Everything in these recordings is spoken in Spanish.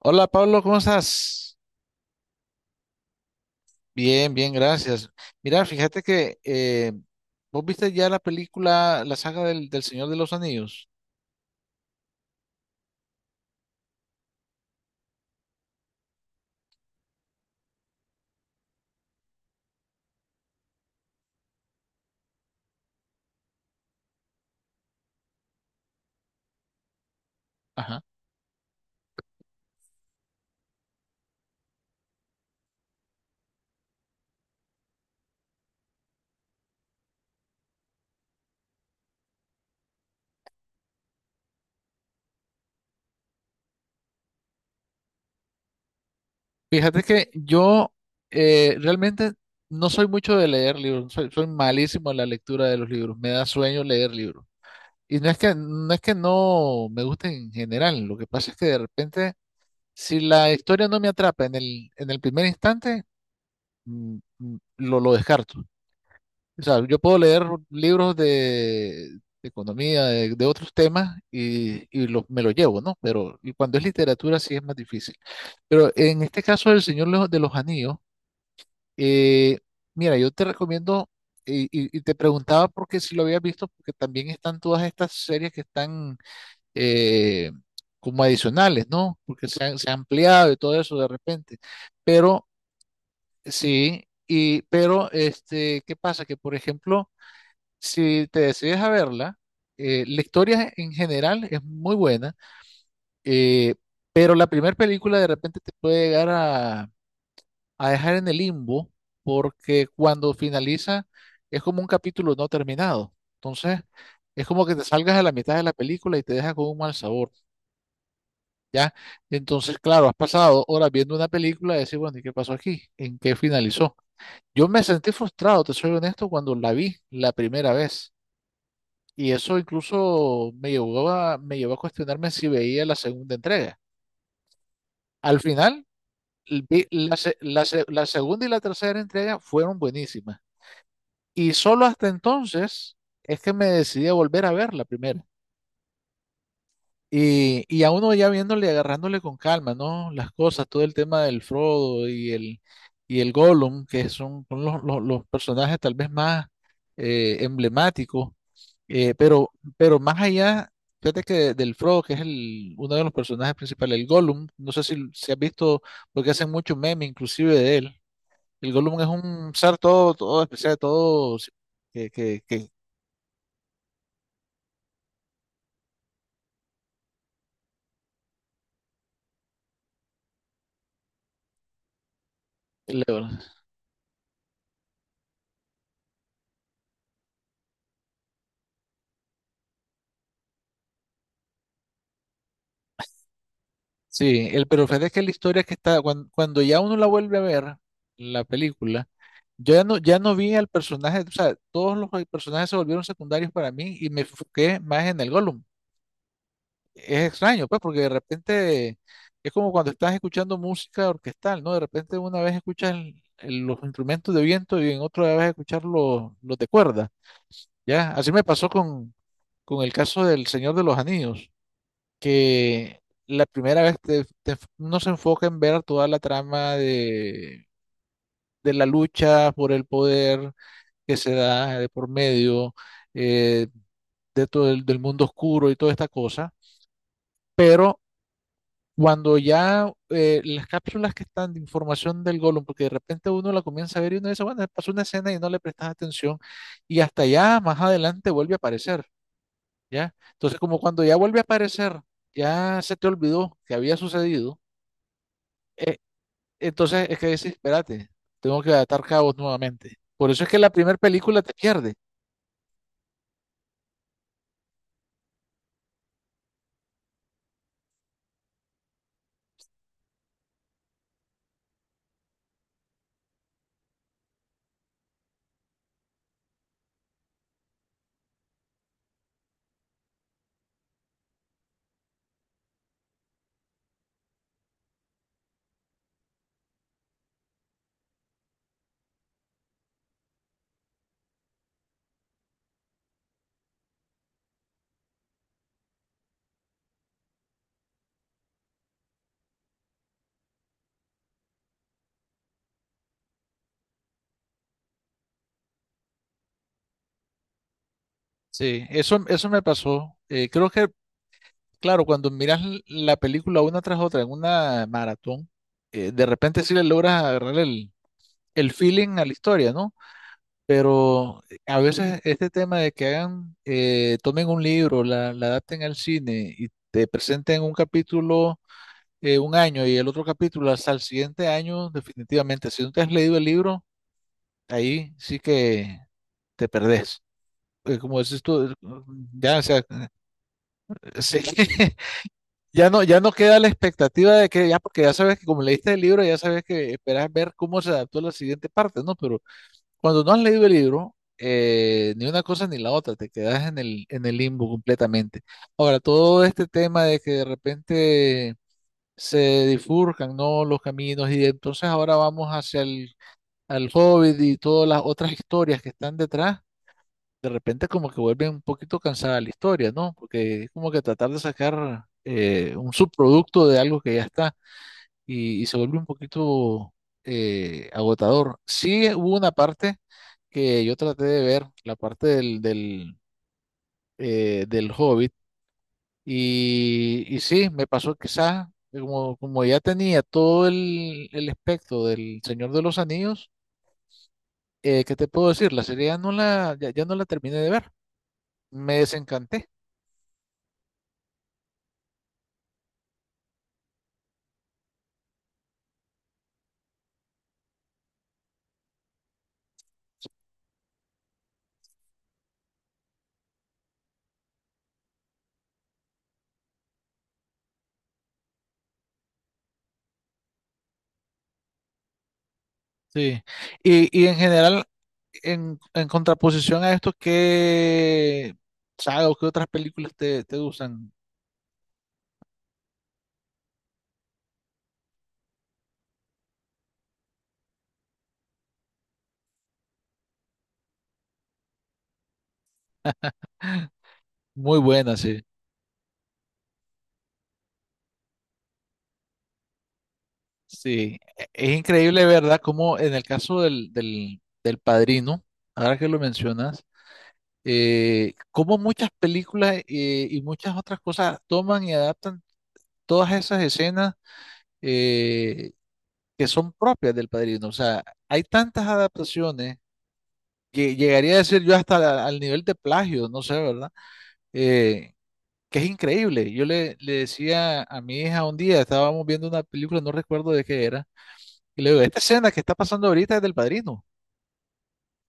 Hola Pablo, ¿cómo estás? Bien, bien, gracias. Mira, fíjate que vos viste ya la película, la saga del Señor de los Anillos. Ajá. Fíjate que yo realmente no soy mucho de leer libros, soy malísimo en la lectura de los libros, me da sueño leer libros. Y no es que no me guste en general, lo que pasa es que de repente, si la historia no me atrapa en el primer instante, lo descarto. O sea, yo puedo leer libros de economía, de otros temas y me lo llevo, ¿no? Pero y cuando es literatura sí es más difícil. Pero en este caso del Señor de los Anillos, eh, mira, yo te recomiendo, y te preguntaba porque si lo habías visto, porque también están todas estas series que están eh, como adicionales, ¿no? Porque se ha ampliado y todo eso de repente. Pero sí, y, pero este, ¿qué pasa? Que por ejemplo si te decides a verla, la historia en general es muy buena, eh, pero la primera película de repente te puede llegar a dejar en el limbo porque cuando finaliza es como un capítulo no terminado. Entonces, es como que te salgas a la mitad de la película y te deja con un mal sabor, ¿ya? Entonces, claro, has pasado horas viendo una película y decir, bueno, ¿y qué pasó aquí? ¿En qué finalizó? Yo me sentí frustrado, te soy honesto, cuando la vi la primera vez. Y eso incluso me llevó a cuestionarme si veía la segunda entrega. Al final, vi la segunda y la tercera entrega fueron buenísimas. Y solo hasta entonces es que me decidí a volver a ver la primera. Y a uno ya viéndole, agarrándole con calma, ¿no? Las cosas, todo el tema del Frodo y el Gollum, que son los, los personajes tal vez más emblemáticos, eh, pero, pero más allá, fíjate que del Frodo, que es uno de los personajes principales, el Gollum, no sé si has visto, porque hacen mucho meme inclusive de él, el Gollum es un ser todo, todo especial, todo que, que, que, sí, el, pero fíjate que la historia que está, cuando ya uno la vuelve a ver, la película, yo ya no vi al personaje, o sea, todos los personajes se volvieron secundarios para mí y me enfoqué más en el Gollum. Es extraño, pues, porque de repente es como cuando estás escuchando música orquestal, ¿no? De repente una vez escuchas los instrumentos de viento y en otra vez escuchas los de cuerda, ¿ya? Así me pasó con el caso del Señor de los Anillos que la primera vez no se enfoca en ver toda la trama de la lucha por el poder que se da de por medio, eh, de todo del mundo oscuro y toda esta cosa, pero cuando ya las cápsulas que están de información del Golem, porque de repente uno la comienza a ver y uno dice, bueno, pasó una escena y no le prestas atención y hasta ya más adelante vuelve a aparecer, ¿ya? Entonces como cuando ya vuelve a aparecer, ya se te olvidó que había sucedido e- entonces es que decís, espérate, tengo que atar cabos nuevamente. Por eso es que la primera película te pierde. Sí, eso me pasó. Creo que, claro, cuando miras la película una tras otra en una maratón, de repente sí le logras agarrar el feeling a la historia, ¿no? Pero a veces este tema de que tomen un libro, la adapten al cine y te presenten un capítulo un año y el otro capítulo hasta el siguiente año, definitivamente, si no te has leído el libro, ahí sí que te perdés. Porque como dices tú, ya, o sea, sí que ya no, ya no queda la expectativa de que ya, porque ya sabes que como leíste el libro, ya sabes que esperas ver cómo se adaptó a la siguiente parte, ¿no? Pero cuando no has leído el libro, ni una cosa ni la otra, te quedas en el limbo completamente. Ahora, todo este tema de que de repente se difurcan, ¿no? Los caminos y entonces ahora vamos hacia el al Hobbit y todas las otras historias que están detrás de repente como que vuelve un poquito cansada la historia, ¿no? Porque es como que tratar de sacar un subproducto de algo que ya está y se vuelve un poquito agotador. Sí hubo una parte que yo traté de ver, la parte del Hobbit, y sí, me pasó quizás, como ya tenía todo el espectro del Señor de los Anillos, ¿qué te puedo decir? La serie ya no la terminé de ver, me desencanté. Sí, y en general, en contraposición a esto, ¿qué saga o qué otras películas te gustan? Muy buenas, sí. Sí, es increíble, ¿verdad? Como en el caso del Padrino, ahora que lo mencionas, cómo muchas películas y muchas otras cosas toman y adaptan todas esas escenas, eh, que son propias del Padrino. O sea, hay tantas adaptaciones que llegaría a decir yo hasta al nivel de plagio, no sé, ¿verdad? Eh, que es increíble. Yo le decía a mi hija un día, estábamos viendo una película, no recuerdo de qué era, y le digo, esta escena que está pasando ahorita es del Padrino,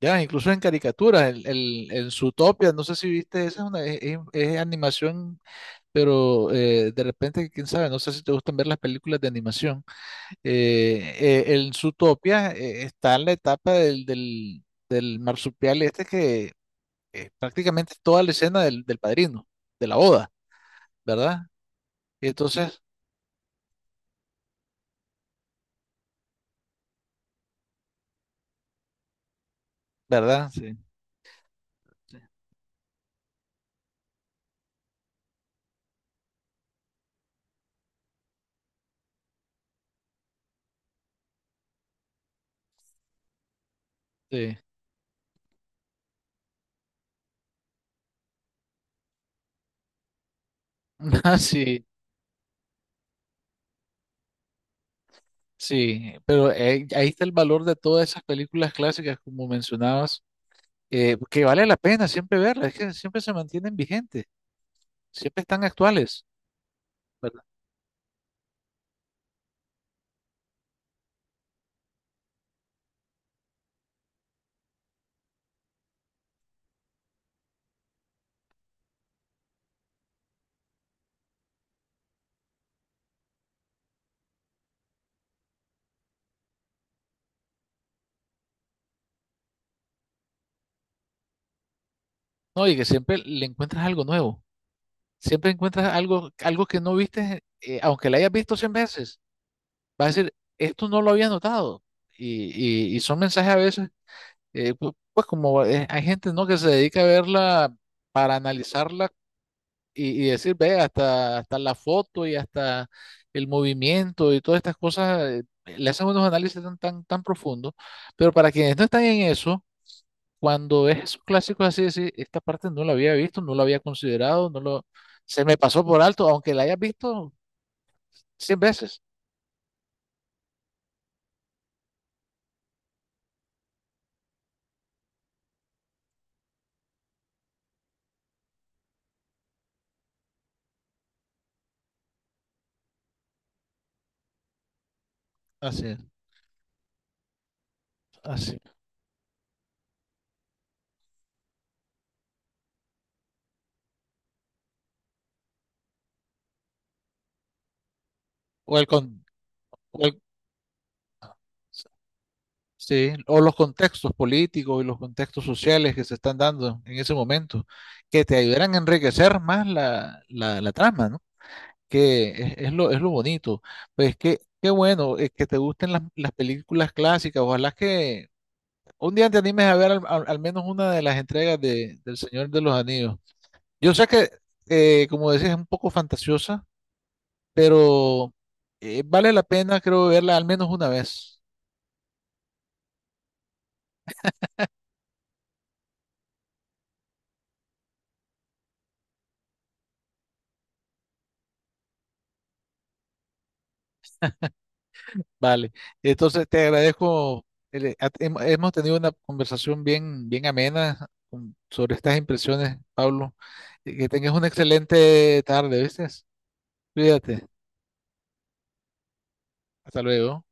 ya, incluso en caricaturas, el Zootopia, no sé si viste, esa es una, es animación, pero de repente, quién sabe, no sé si te gustan ver las películas de animación. El Zootopia, está en la etapa del marsupial este que prácticamente toda la escena del padrino, de la boda, ¿verdad? Y entonces, ¿verdad? Sí, sí. Ah, sí, sí, pero ahí está el valor de todas esas películas clásicas, como mencionabas, que vale la pena siempre verlas, es que siempre se mantienen vigentes, siempre están actuales, ¿verdad? No, y que siempre le encuentras algo nuevo, siempre encuentras algo, algo que no viste, aunque la hayas visto 100 veces, vas a decir, esto no lo había notado, y son mensajes a veces, pues como, hay gente, ¿no?, que se dedica a verla para analizarla y decir, ve, hasta, hasta la foto y hasta el movimiento y todas estas cosas, le hacen unos análisis tan, tan, tan profundos, pero para quienes no están en eso, cuando ves esos clásicos así, decir, esta parte no la había visto, no la había considerado, no lo, se me pasó por alto, aunque la hayas visto 100 veces. Así, es, así. O el con, o el- Sí, o los contextos políticos y los contextos sociales que se están dando en ese momento, que te ayudarán a enriquecer más la, la trama, ¿no? Que es, es lo bonito. Pues qué bueno, que te gusten las películas clásicas. Ojalá que un día te animes a ver al menos una de las entregas del Señor de los Anillos. Yo sé que, como decías, es un poco fantasiosa, pero vale la pena, creo, verla al menos una vez. Vale, entonces te agradezco. Hemos tenido una conversación bien, bien amena, sobre estas impresiones, Pablo. Y que tengas una excelente tarde, ¿viste? Cuídate. Hasta luego.